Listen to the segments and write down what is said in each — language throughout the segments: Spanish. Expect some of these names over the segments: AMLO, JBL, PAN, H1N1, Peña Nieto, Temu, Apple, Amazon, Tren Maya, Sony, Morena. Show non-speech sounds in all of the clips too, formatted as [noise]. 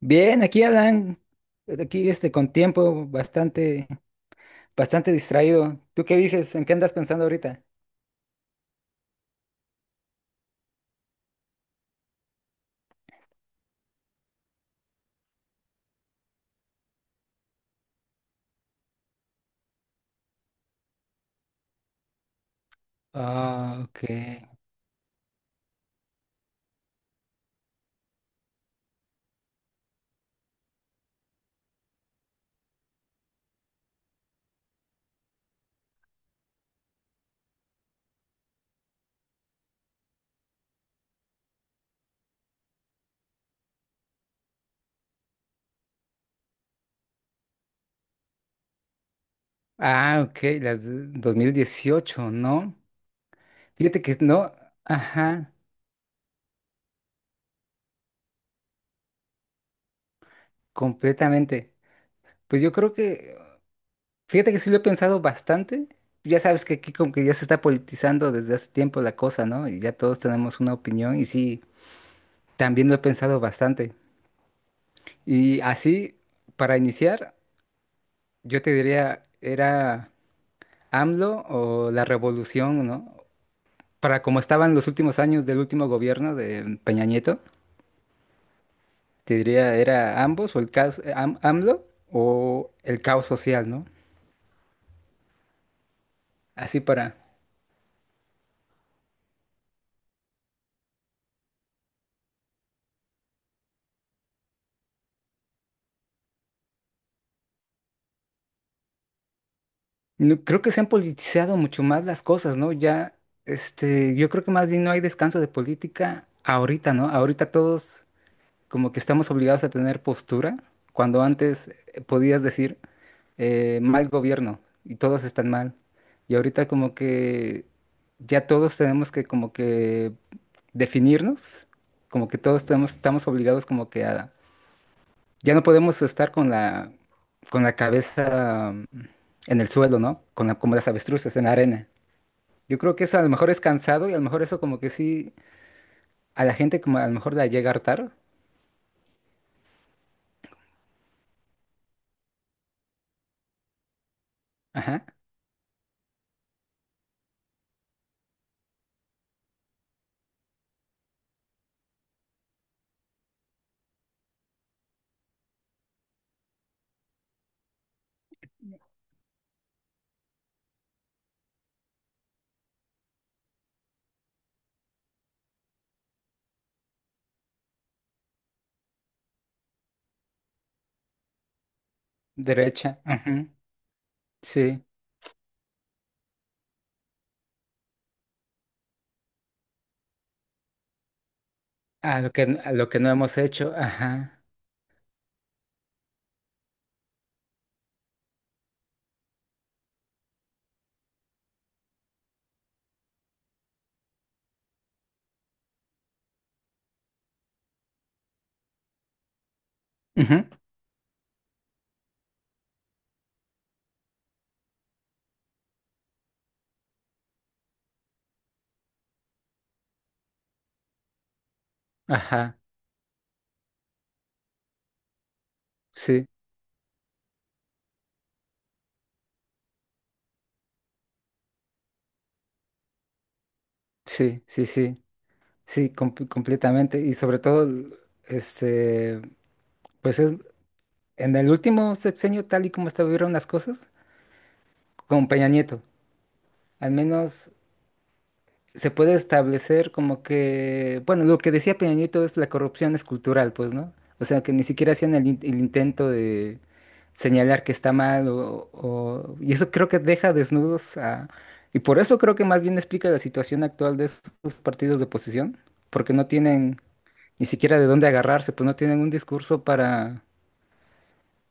Bien, aquí Alan, aquí este con tiempo bastante, bastante distraído. ¿Tú qué dices? ¿En qué andas pensando ahorita? Ah, ok. Ah, ok, las de 2018, ¿no? Fíjate que no, ajá, completamente. Pues yo creo que, fíjate que sí lo he pensado bastante. Ya sabes que aquí como que ya se está politizando desde hace tiempo la cosa, ¿no? Y ya todos tenemos una opinión y sí, también lo he pensado bastante. Y así, para iniciar. Yo te diría, era AMLO o la revolución, ¿no? Para como estaban los últimos años del último gobierno de Peña Nieto, te diría, era ambos o el caos, AMLO o el caos social, ¿no? Así para... Creo que se han politizado mucho más las cosas, ¿no? Ya, yo creo que más bien no hay descanso de política ahorita, ¿no? Ahorita todos como que estamos obligados a tener postura, cuando antes podías decir. Mal gobierno y todos están mal. Y ahorita como que ya todos tenemos que como que definirnos, como que todos tenemos, estamos obligados como que a... Ya no podemos estar con la cabeza en el suelo, ¿no? Con la, como las avestruces en la arena. Yo creo que eso a lo mejor es cansado y a lo mejor eso como que sí, a la gente como a lo mejor la llega a hartar. Ajá. Derecha, ujú. Sí. A lo que no hemos hecho. Ajá, ujú. Ajá. Sí, sí, sí, sí, sí, completamente. Y sobre todo, este, pues en el último sexenio, tal y como estuvieron las cosas, con Peña Nieto, al menos, se puede establecer como que, bueno, lo que decía Peña, es la corrupción es cultural, pues, ¿no? O sea, que ni siquiera hacían el intento de señalar que está mal Y eso creo que deja desnudos a... Y por eso creo que más bien explica la situación actual de estos partidos de oposición, porque no tienen ni siquiera de dónde agarrarse, pues no tienen un discurso para...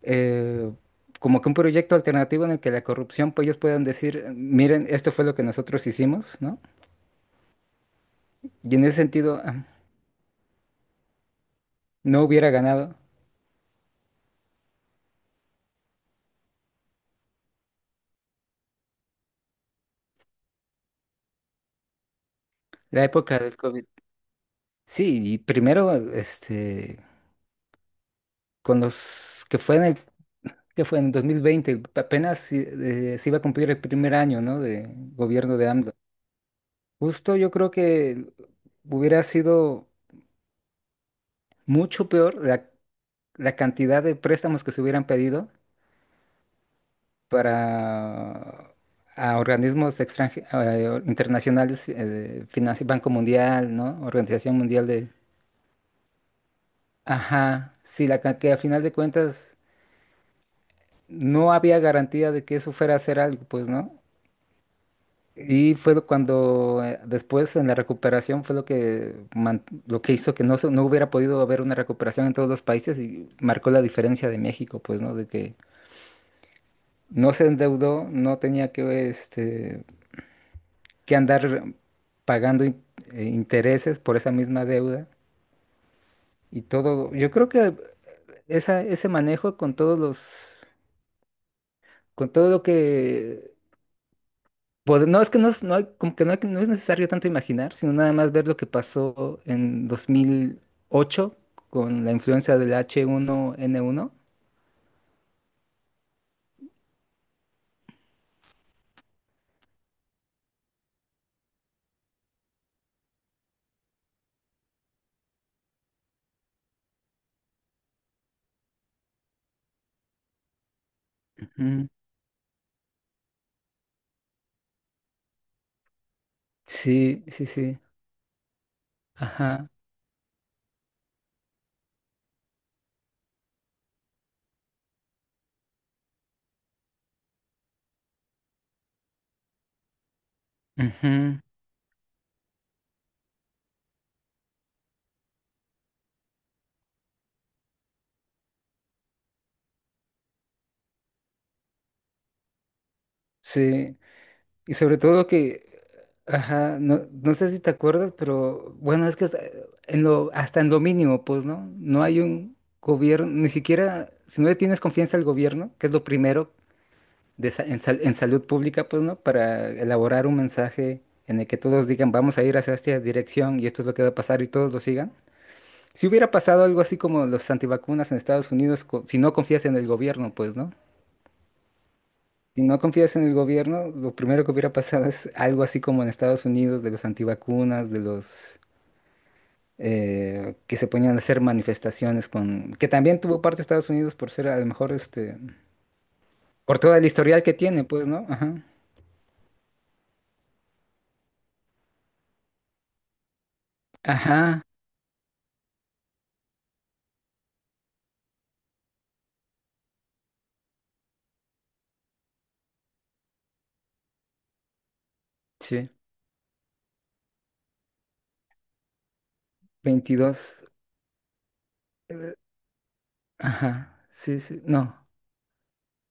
eh, como que un proyecto alternativo en el que la corrupción, pues ellos puedan decir, miren, esto fue lo que nosotros hicimos, ¿no? Y en ese sentido... no hubiera ganado la época del COVID. Sí, y primero, con los que fue que fue en 2020 apenas si, se iba a cumplir el 1.er año, ¿no? De gobierno de AMLO. Justo yo creo que hubiera sido mucho peor la cantidad de préstamos que se hubieran pedido para a organismos internacionales, Banco Mundial, ¿no? Organización Mundial de... Ajá, sí, que a final de cuentas no había garantía de que eso fuera a hacer algo, pues, ¿no? Y fue cuando después en la recuperación fue lo que hizo que no hubiera podido haber una recuperación en todos los países y marcó la diferencia de México, pues, ¿no? De que no se endeudó, no tenía que andar pagando intereses por esa misma deuda y todo. Yo creo que ese manejo con todos los, con todo lo que... Pues, no, es que no es, no hay- como que no, no es necesario tanto imaginar, sino nada más ver lo que pasó en 2008 con la influencia del H1N1. Ujú. Sí, sí, sí. Ajá, ujú. Sí. Y sobre todo que, ajá, no, no sé si te acuerdas, pero bueno, es que en lo, hasta en lo mínimo, pues, ¿no? No hay un gobierno, ni siquiera, si no le tienes confianza al gobierno, que es lo primero de sa- en, sal- en salud pública, pues, ¿no? Para elaborar un mensaje en el que todos digan, vamos a ir hacia esta dirección y esto es lo que va a pasar y todos lo sigan. Si hubiera pasado algo así como los antivacunas en Estados Unidos, si no confías en el gobierno, pues, ¿no? Si no confías en el gobierno, lo primero que hubiera pasado es algo así como en Estados Unidos de los antivacunas, de los que se ponían a hacer manifestaciones con, que también tuvo parte Estados Unidos por ser a lo mejor por todo el historial que tiene, pues, ¿no? Ajá. Ajá, sí. Veintidós. Eh, Ajá, sí, sí, no,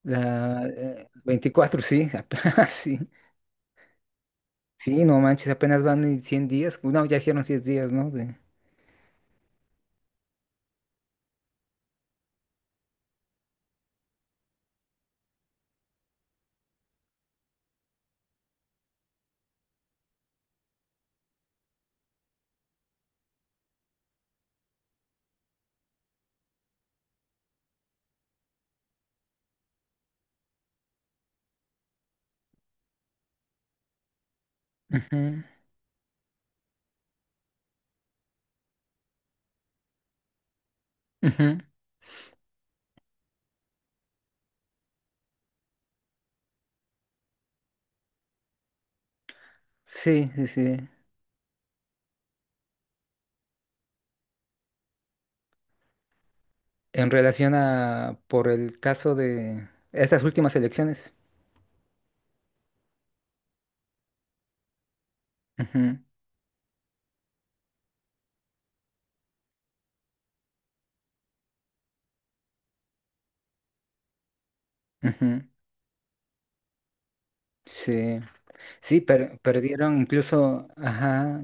la 24, sí, [laughs] apenas, sí, sí, no manches, apenas van y 100 días, no, ya hicieron 100 días, ¿no? De... Ujú, ujú. Sí, sí, sí, en relación a, por el caso de estas últimas elecciones, ujú, ujú. Sí, sí, perdieron incluso, ajá,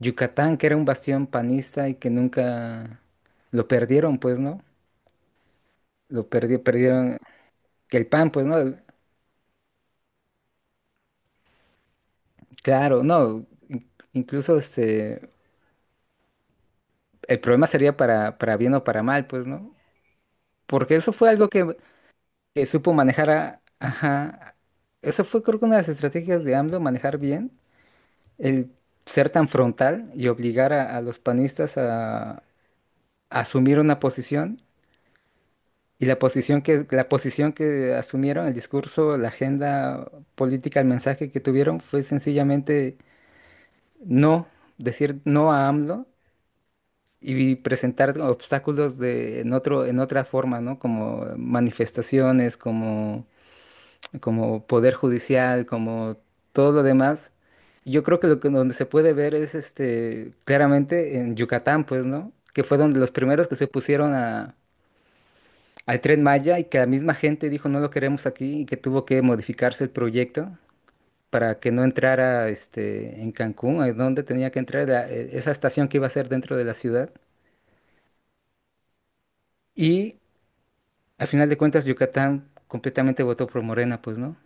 Yucatán, que era un bastión panista y que nunca lo perdieron, pues, ¿no? Perdieron, que el PAN, pues, ¿no? Claro, no, incluso el problema sería para bien o para mal, pues, ¿no? Porque eso fue algo que supo manejar a, ajá, eso fue creo que una de las estrategias de AMLO, manejar bien, el ser tan frontal y obligar a los panistas a asumir una posición y la posición que asumieron, el discurso, la agenda política, el mensaje que tuvieron fue sencillamente no, decir no a AMLO y presentar obstáculos en otra forma, ¿no? Como manifestaciones, como poder judicial, como todo lo demás. Yo creo que lo que donde se puede ver es claramente en Yucatán, pues, ¿no? Que fue donde los primeros que se pusieron al Tren Maya y que la misma gente dijo no lo queremos aquí y que tuvo que modificarse el proyecto para que no entrara este en Cancún, a donde tenía que entrar esa estación que iba a ser dentro de la ciudad. Y al final de cuentas, Yucatán completamente votó por Morena, pues, ¿no?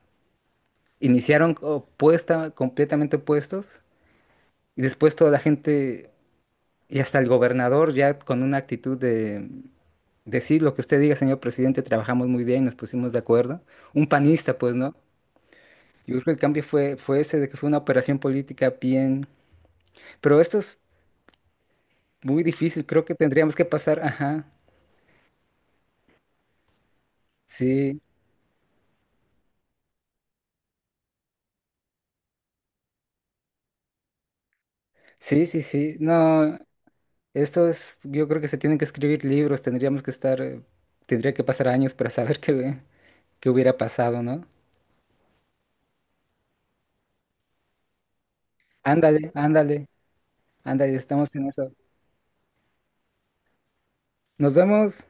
Iniciaron opuesta, completamente opuestos, y después toda la gente, y hasta el gobernador, ya con una actitud de decir, lo que usted diga, señor presidente, trabajamos muy bien, nos pusimos de acuerdo. Un panista, pues, ¿no? Yo creo que el cambio fue, fue ese, de que fue una operación política bien. Pero esto es muy difícil, creo que tendríamos que pasar, ajá, sí, sí, sí, sí. No, esto es, yo creo que se tienen que escribir libros, tendríamos que estar, tendría que pasar años para [laughs] saber qué, hubiera pasado, ¿no? Ándale, ándale, ándale, estamos en eso. Nos vemos.